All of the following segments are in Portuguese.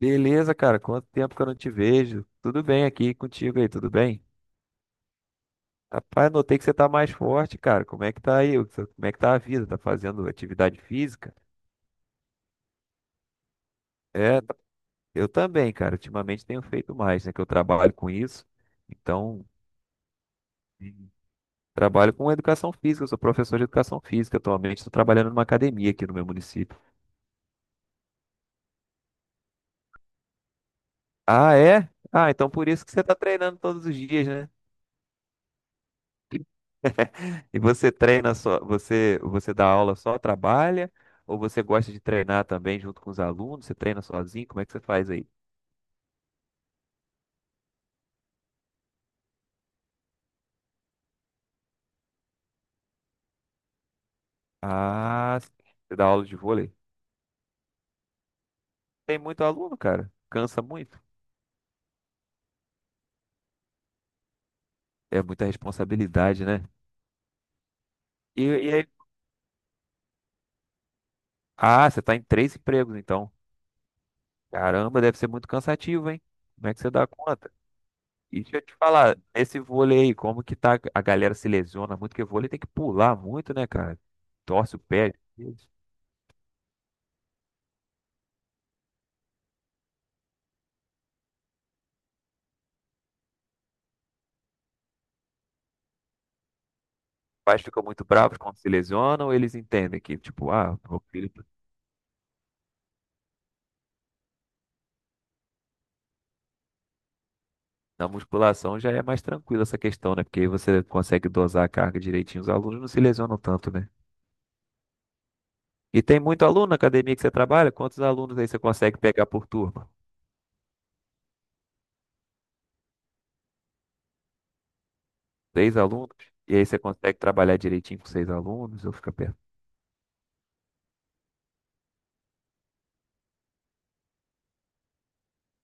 Beleza, cara. Quanto tempo que eu não te vejo? Tudo bem aqui contigo aí, tudo bem? Rapaz, notei que você tá mais forte, cara. Como é que tá aí? Como é que tá a vida? Tá fazendo atividade física? É, tá- eu também, cara. Ultimamente tenho feito mais, né? Que eu trabalho com isso. Então, sim, trabalho com educação física. Eu sou professor de educação física. Atualmente estou trabalhando numa academia aqui no meu município. Ah, é? Ah, então por isso que você tá treinando todos os dias, né? E você treina só, você dá aula só, trabalha? Ou você gosta de treinar também junto com os alunos? Você treina sozinho? Como é que você faz aí? Ah, você dá aula de vôlei? Tem muito aluno, cara. Cansa muito. É muita responsabilidade, né? E, e aí... Ah, você tá em três empregos, então. Caramba, deve ser muito cansativo, hein? Como é que você dá conta? E deixa eu te falar, esse vôlei aí, como que tá? A galera se lesiona muito, porque vôlei tem que pular muito, né, cara? Torce o pé. Pais ficam muito bravos quando se lesionam, eles entendem que, tipo, ah, meu filho, na musculação já é mais tranquila essa questão, né? Porque aí você consegue dosar a carga direitinho, os alunos não se lesionam tanto, né? E tem muito aluno na academia que você trabalha? Quantos alunos aí você consegue pegar por turma? Seis alunos? E aí você consegue trabalhar direitinho com seis alunos? Eu fico perto.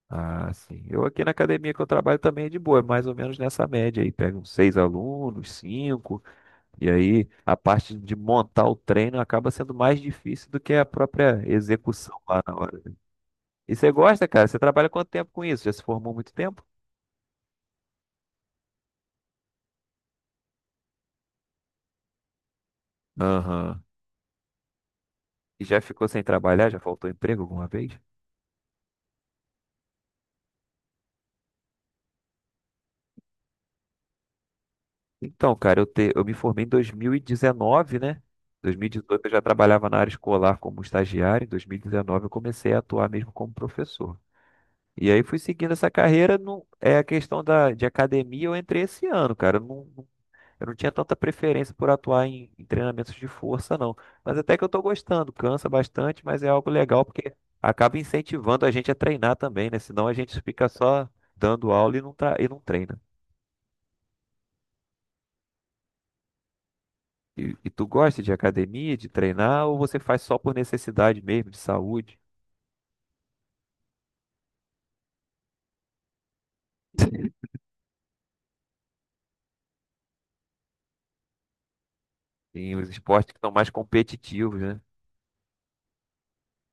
Ah, sim. Eu aqui na academia que eu trabalho também é de boa, é mais ou menos nessa média aí. Pega uns seis alunos, cinco. E aí a parte de montar o treino acaba sendo mais difícil do que a própria execução lá na hora. E você gosta, cara? Você trabalha quanto tempo com isso? Já se formou muito tempo? Aham. E já ficou sem trabalhar? Já faltou emprego alguma vez? Então, cara, eu me formei em 2019, né? 2018 eu já trabalhava na área escolar como estagiário, em 2019 eu comecei a atuar mesmo como professor. E aí fui seguindo essa carreira, não é a questão de academia, eu entrei esse ano, cara. Eu não tinha tanta preferência por atuar em treinamentos de força, não. Mas até que eu tô gostando, cansa bastante, mas é algo legal porque acaba incentivando a gente a treinar também, né? Senão a gente fica só dando aula e não treina. Tu gosta de academia, de treinar, ou você faz só por necessidade mesmo, de saúde? Tem os esportes que são mais competitivos, né?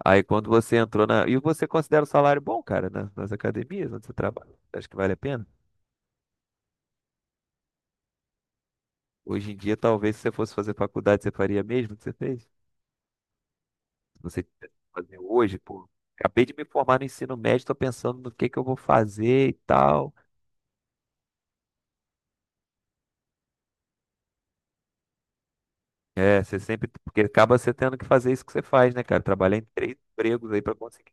Aí quando você entrou na. E você considera o salário bom, cara, nas academias onde você trabalha? Acho que vale a pena? Hoje em dia, talvez, se você fosse fazer faculdade, você faria mesmo o que você fez? Não sei o que eu vou fazer hoje, pô. Acabei de me formar no ensino médio, tô pensando no que eu vou fazer e tal. É, você sempre, porque acaba você tendo que fazer isso que você faz, né, cara? Trabalhar em três empregos aí pra conseguir.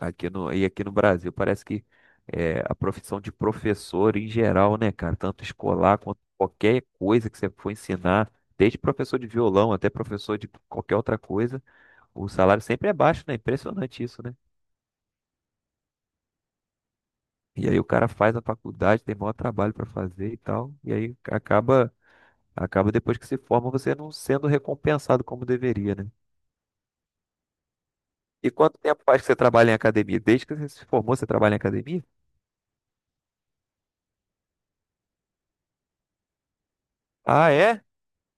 Aqui no Brasil parece que é, a profissão de professor em geral, né, cara? Tanto escolar quanto qualquer coisa que você for ensinar, desde professor de violão até professor de qualquer outra coisa, o salário sempre é baixo, né? Impressionante isso, né? E aí o cara faz a faculdade, tem maior trabalho para fazer e tal. Acaba depois que se forma você não sendo recompensado como deveria, né? E quanto tempo faz que você trabalha em academia? Desde que você se formou, você trabalha em academia? Ah, é?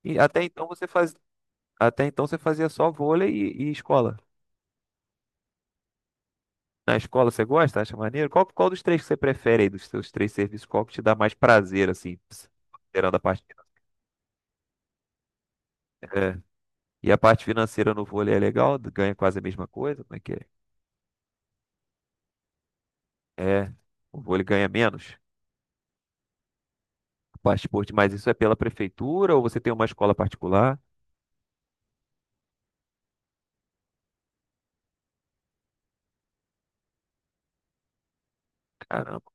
E até então você faz, Até então você fazia só vôlei escola. Na escola você gosta? Acha maneiro? Qual dos três que você prefere aí, dos seus três serviços? Qual que te dá mais prazer, assim, considerando a parte financeira? É. E a parte financeira no vôlei é legal? Ganha quase a mesma coisa? Como é que é? É, o vôlei ganha menos. O Passaporte, mas isso é pela prefeitura ou você tem uma escola particular? Caramba,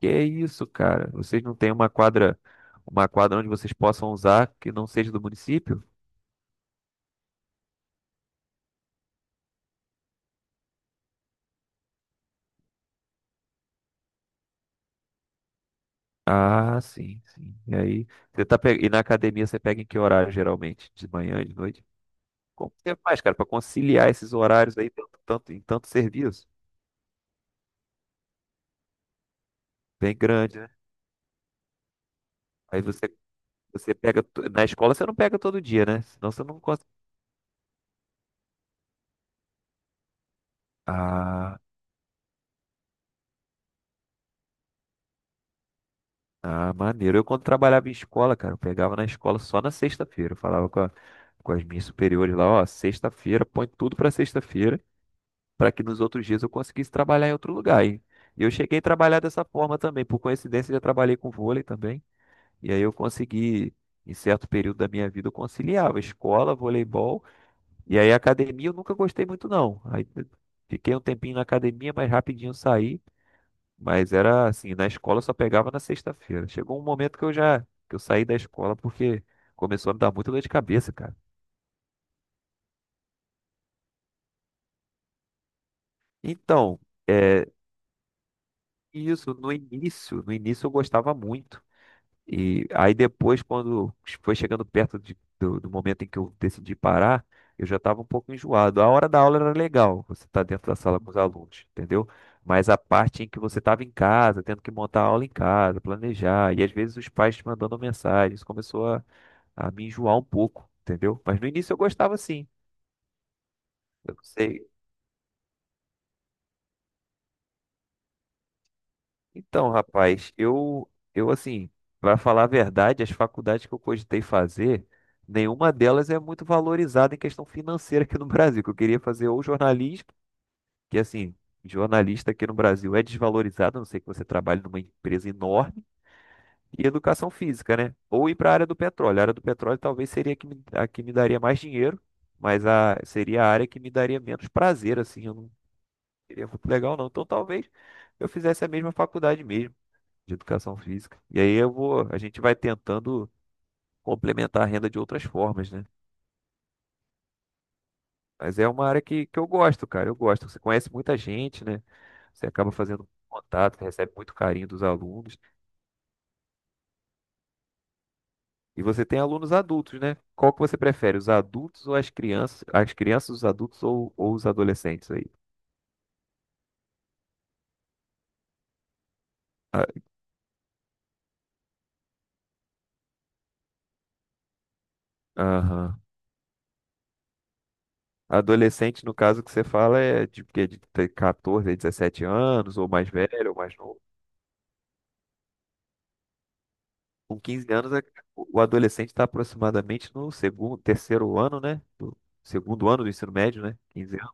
que é isso, cara? Vocês não têm uma quadra onde vocês possam usar que não seja do município? Ah, sim, sim. E aí, você tá pe... e na academia você pega em que horário geralmente? De manhã, de noite? Como você faz, cara, para conciliar esses horários aí em tanto serviço? Bem grande, né? Aí você na escola você não pega todo dia, né? Senão você não consegue. Ah, maneiro. Eu quando trabalhava em escola, cara, eu pegava na escola só na sexta-feira. Eu falava com as minhas superiores lá, ó, sexta-feira, põe tudo pra sexta-feira, pra que nos outros dias eu conseguisse trabalhar em outro lugar. E eu cheguei a trabalhar dessa forma também. Por coincidência, eu já trabalhei com vôlei também. E aí eu consegui, em certo período da minha vida, eu conciliava escola, voleibol. E aí academia eu nunca gostei muito, não. Aí eu fiquei um tempinho na academia, mas rapidinho eu saí. Mas era assim, na escola eu só pegava na sexta-feira. Chegou um momento que eu já que eu saí da escola porque começou a me dar muita dor de cabeça, cara. Então, é, isso no início, no início eu gostava muito. E aí depois, quando foi chegando perto do momento em que eu decidi parar, eu já estava um pouco enjoado. A hora da aula era legal, você tá dentro da sala com os alunos, entendeu? Mas a parte em que você estava em casa, tendo que montar a aula em casa, planejar, e às vezes os pais te mandando mensagem, isso começou a me enjoar um pouco, entendeu? Mas no início eu gostava sim. Eu não sei. Então, rapaz, eu assim, para falar a verdade, as faculdades que eu cogitei fazer, nenhuma delas é muito valorizada em questão financeira aqui no Brasil. Que eu queria fazer ou jornalismo, que assim, jornalista aqui no Brasil é desvalorizado, a não sei que você trabalhe numa empresa enorme, e educação física, né? Ou ir para a área do petróleo. A área do petróleo talvez seria a que me daria mais dinheiro. Mas a, seria a área que me daria menos prazer, assim, eu não, seria muito legal, não. Então talvez eu fizesse a mesma faculdade mesmo, de educação física. E aí eu vou, a gente vai tentando complementar a renda de outras formas, né? Mas é uma área que eu gosto, cara. Eu gosto. Você conhece muita gente, né? Você acaba fazendo contato, você recebe muito carinho dos alunos. E você tem alunos adultos, né? Qual que você prefere, os adultos ou as crianças? As crianças, os adultos ou os adolescentes aí? A- Aham. Adolescente, no caso que você fala, é de, quê? De ter 14, 17 anos, ou mais velho, ou mais novo. Com 15 anos, o adolescente está aproximadamente no segundo, terceiro ano, né? Do segundo ano do ensino médio, né? 15 anos.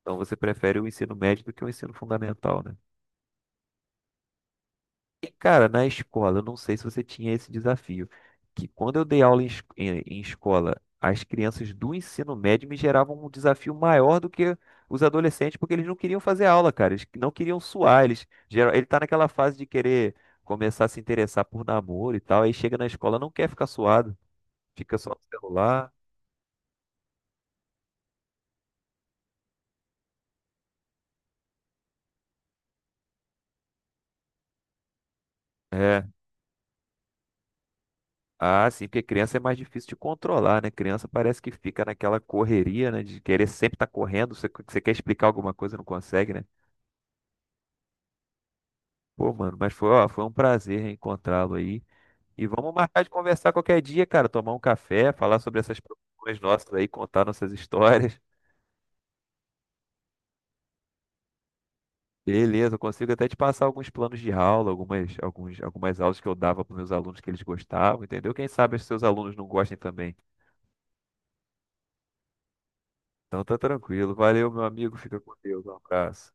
Então você prefere o ensino médio do que o ensino fundamental, né? E, cara, na escola, eu não sei se você tinha esse desafio, que quando eu dei aula em escola, as crianças do ensino médio me geravam um desafio maior do que os adolescentes, porque eles não queriam fazer aula, cara. Eles não queriam suar. Eles, ele tá naquela fase de querer começar a se interessar por namoro e tal, aí chega na escola, não quer ficar suado. Fica só no celular. É. Ah, sim, porque criança é mais difícil de controlar, né? Criança parece que fica naquela correria, né? De querer sempre estar correndo. Você quer explicar alguma coisa, e não consegue, né? Pô, mano, mas foi, ó, foi um prazer reencontrá-lo aí. E vamos marcar de conversar qualquer dia, cara. Tomar um café, falar sobre essas profissões nossas aí, contar nossas histórias. Beleza, eu consigo até te passar alguns planos de aula, algumas aulas que eu dava para meus alunos que eles gostavam, entendeu? Quem sabe os seus alunos não gostem também. Então tá tranquilo. Valeu, meu amigo. Fica com Deus. Um abraço.